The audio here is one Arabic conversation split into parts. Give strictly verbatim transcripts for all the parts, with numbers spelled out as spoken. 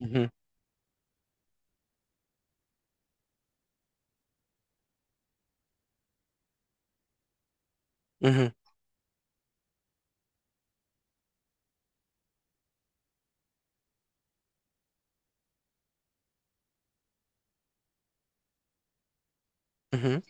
مهم. مهم. مهم.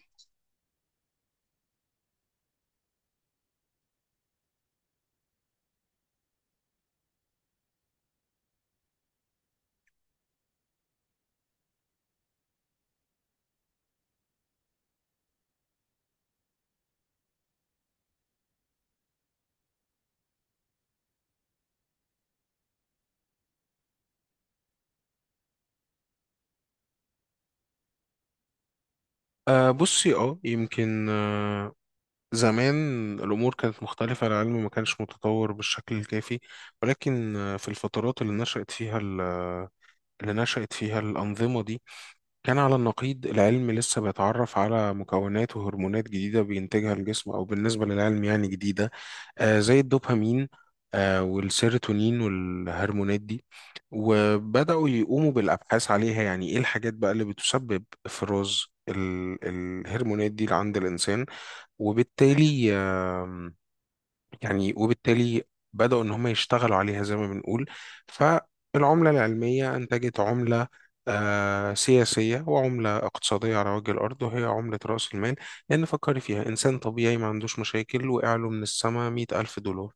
أه بصي، اه يمكن أه زمان الأمور كانت مختلفة. العلم ما كانش متطور بالشكل الكافي، ولكن آه، في الفترات اللي نشأت فيها ال- اللي نشأت فيها الأنظمة دي كان على النقيض. العلم لسه بيتعرف على مكونات وهرمونات جديدة بينتجها الجسم، أو بالنسبة للعلم يعني جديدة، آه، زي الدوبامين آه، والسيروتونين والهرمونات دي. وبدأوا يقوموا بالأبحاث عليها، يعني إيه الحاجات بقى اللي بتسبب إفراز ال- الهرمونات دي عند الإنسان. وبالتالي آم، يعني وبالتالي بدأوا إن هم يشتغلوا عليها زي ما بنقول. فالعملة العلمية أنتجت عملة آه، سياسية وعملة اقتصادية على وجه الأرض، وهي عملة رأس المال. لأن فكري فيها، إنسان طبيعي ما عندوش مشاكل وقع له من السما مئة ألف دولار،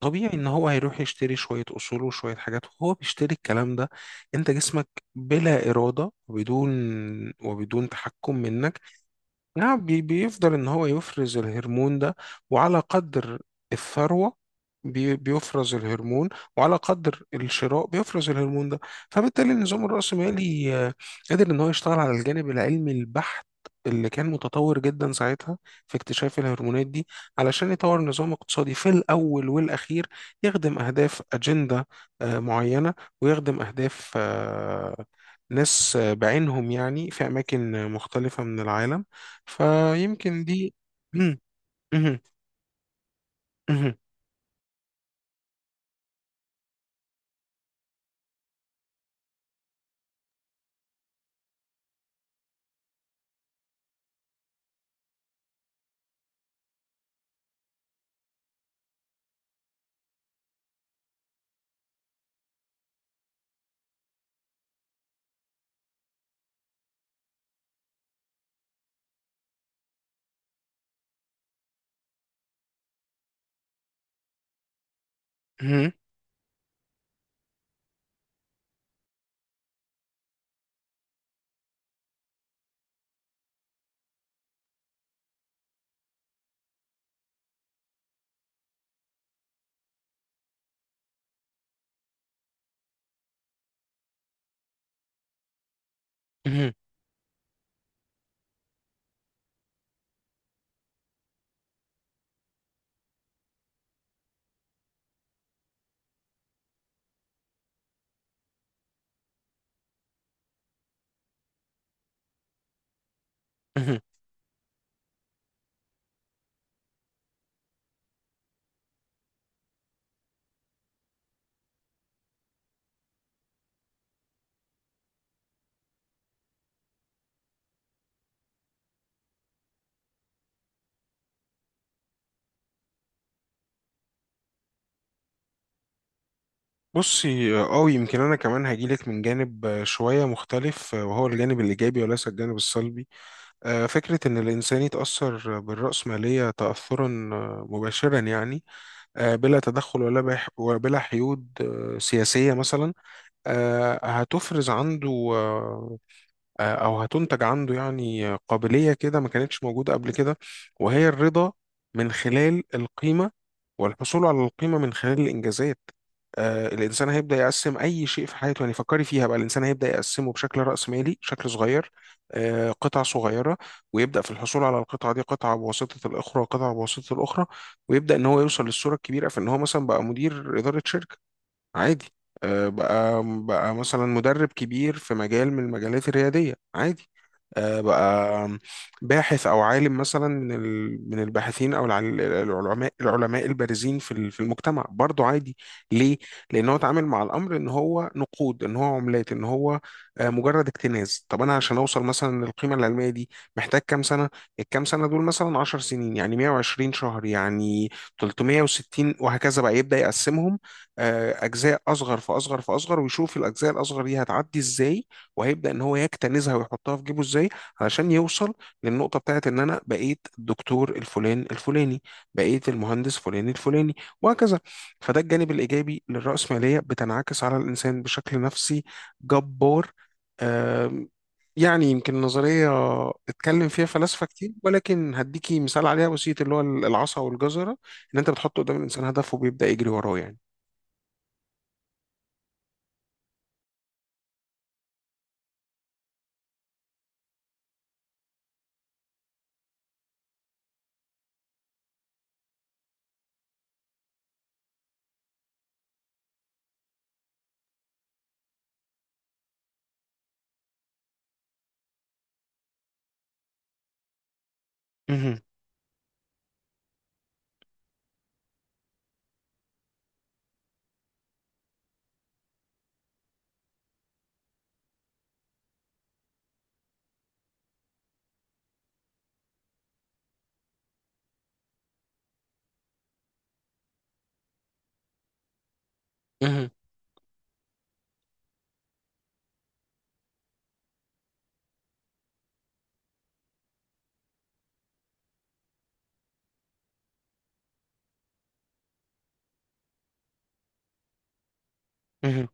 طبيعي ان هو هيروح يشتري شوية اصول وشوية حاجات، وهو بيشتري الكلام ده. انت جسمك بلا ارادة، وبدون وبدون تحكم منك. نعم، بي- بيفضل ان هو يفرز الهرمون ده، وعلى قدر الثروة بي- بيفرز الهرمون، وعلى قدر الشراء بيفرز الهرمون ده. فبالتالي النظام الرأسمالي آه، قادر ان هو يشتغل على الجانب العلمي البحت اللي كان متطور جدا ساعتها في اكتشاف الهرمونات دي، علشان يطور نظام اقتصادي في الأول والأخير يخدم أهداف أجندة آه، معينة، ويخدم أهداف آه، ناس آه، بعينهم، يعني في أماكن مختلفة من العالم. فيمكن دي. مم، مهم، مهم، مهم، مهم، مهم. بصي، اه يمكن انا كمان هجيلك من جانب آه، شويه مختلف، آه، وهو الجانب الايجابي وليس الجانب السلبي. آه، فكره ان الانسان يتاثر بالراسماليه تاثرا آه، مباشرا، يعني آه، بلا تدخل ولا بح- وبلا حيود آه، سياسيه مثلا، آه، هتفرز عنده، آه، آه، او هتنتج عنده يعني قابليه كده ما كانتش موجوده قبل كده، وهي الرضا من خلال القيمه، والحصول على القيمه من خلال الانجازات. آه، الانسان هيبدا يقسم اي شيء في حياته، يعني فكري فيها بقى، الانسان هيبدا يقسمه بشكل راسمالي شكل صغير، آه، قطع صغيره، ويبدا في الحصول على القطعه دي قطعه بواسطه الاخرى وقطعه بواسطه الاخرى، ويبدا ان هو يوصل للصوره الكبيره في ان هو مثلا بقى مدير اداره شركه عادي، آه، بقى بقى مثلا مدرب كبير في مجال من المجالات الريادية عادي، آه، بقى باحث أو عالم مثلا من ال- من الباحثين أو الع- العلماء العلماء البارزين في ال- في المجتمع برضه عادي. ليه؟ لأن هو اتعامل مع الأمر إن هو نقود، إن هو عملات، إن هو آه، مجرد اكتناز. طب أنا عشان أوصل مثلا للقيمة العلمية دي محتاج كام سنة؟ الكام سنة دول مثلا 10 سنين، يعني 120 شهر، يعني تلتمية وستين، وهكذا بقى يبدأ يقسمهم آه، اجزاء اصغر فاصغر فاصغر، ويشوف الاجزاء الاصغر دي هتعدي ازاي، وهيبدا ان هو يكتنزها ويحطها في جيبه ازاي، علشان يوصل للنقطه بتاعت ان انا بقيت الدكتور الفلان الفلاني، بقيت المهندس فلان الفلاني، وهكذا. فده الجانب الايجابي للراسماليه، بتنعكس على الانسان بشكل نفسي جبار. آم، يعني يمكن نظرية اتكلم فيها فلاسفة كتير، ولكن هديكي مثال عليها بسيط، اللي هو العصا والجزرة، ان انت بتحط قدام الانسان هدف وبيبدأ يجري وراه يعني. مهم. مهم. مهم.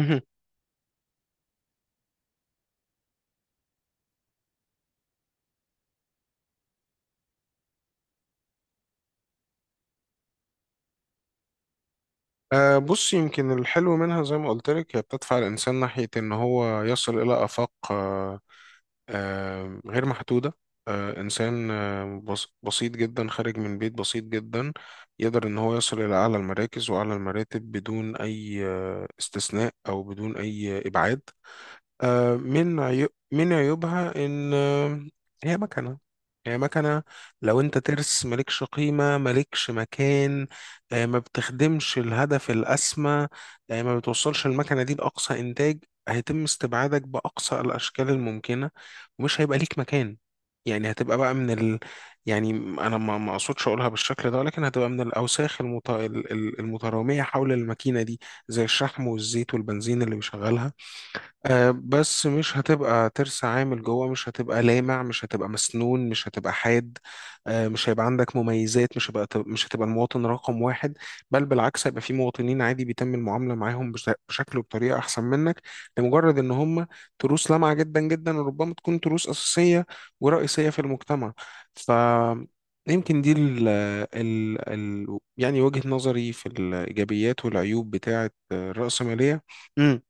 مهم. آه، بص، يمكن الحلو منها زي ما قلت لك، هي بتدفع الإنسان ناحية إن هو يصل إلى آفاق آه، آه، غير محدودة. آه، إنسان آه، بس- بسيط جدا خارج من بيت بسيط جدا يقدر إن هو يصل إلى أعلى المراكز وأعلى المراتب بدون أي آه، استثناء، أو بدون أي إبعاد. آه، من عيو... من عيوبها ان آه، هي مكنه هي مكنه، لو انت ترس مالكش قيمه مالكش مكان. آه، ما بتخدمش الهدف الاسمى، آه، ما بتوصلش المكنه دي لاقصى انتاج، هيتم استبعادك باقصى الاشكال الممكنه، ومش هيبقى ليك مكان. يعني هتبقى بقى من ال... يعني انا ما ما اقصدش اقولها بالشكل ده، ولكن هتبقى من الاوساخ المت... ال- ال- المتراميه حول الماكينه دي، زي الشحم والزيت والبنزين اللي بيشغلها. آه، بس مش هتبقى ترس عامل جوه، مش هتبقى لامع، مش هتبقى مسنون، مش هتبقى حاد. آه، مش هيبقى عندك مميزات، مش هيبقى مش هتبقى المواطن رقم واحد. بل بالعكس، هيبقى في مواطنين عادي بيتم المعاملة معاهم بش- بشكل وبطريقة أحسن منك، لمجرد إن هم تروس لامعة جدا جدا، وربما تكون تروس أساسية ورئيسية في المجتمع. ف يمكن دي ال ال ال يعني وجهة نظري في الإيجابيات والعيوب بتاعة الرأسمالية. مم.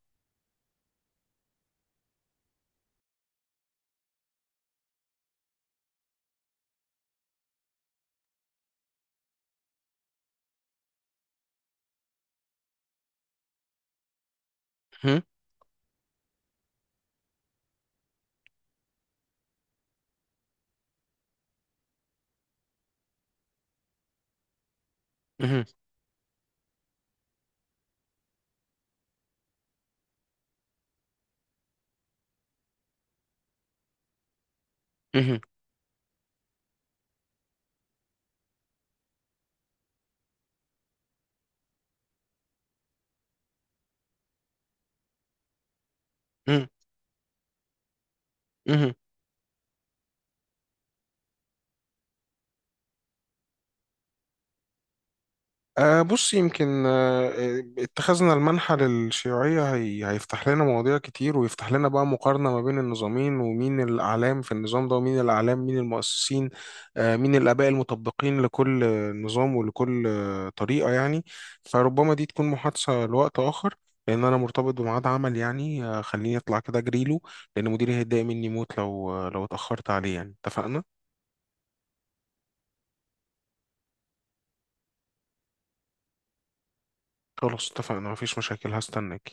مم. مهم. مهم. مهم. أه بص، يمكن، أه آه، اتخذنا المنحى للشيوعية، هي هيفتح لنا مواضيع كتير، ويفتح لنا بقى مقارنة ما بين النظامين، ومين الأعلام في النظام ده، ومين الأعلام، مين المؤسسين، أه مين الآباء المطبقين لكل نظام ولكل آه، طريقة يعني. فربما دي تكون محادثة لوقت آخر، لأن أنا مرتبط بميعاد عمل، يعني آه، خليني أطلع كده أجريله، لأن مديري هيتضايق مني موت لو آه، لو اتأخرت عليه، يعني اتفقنا؟ خلاص، اتفقنا، مفيش مشاكل، هستناك.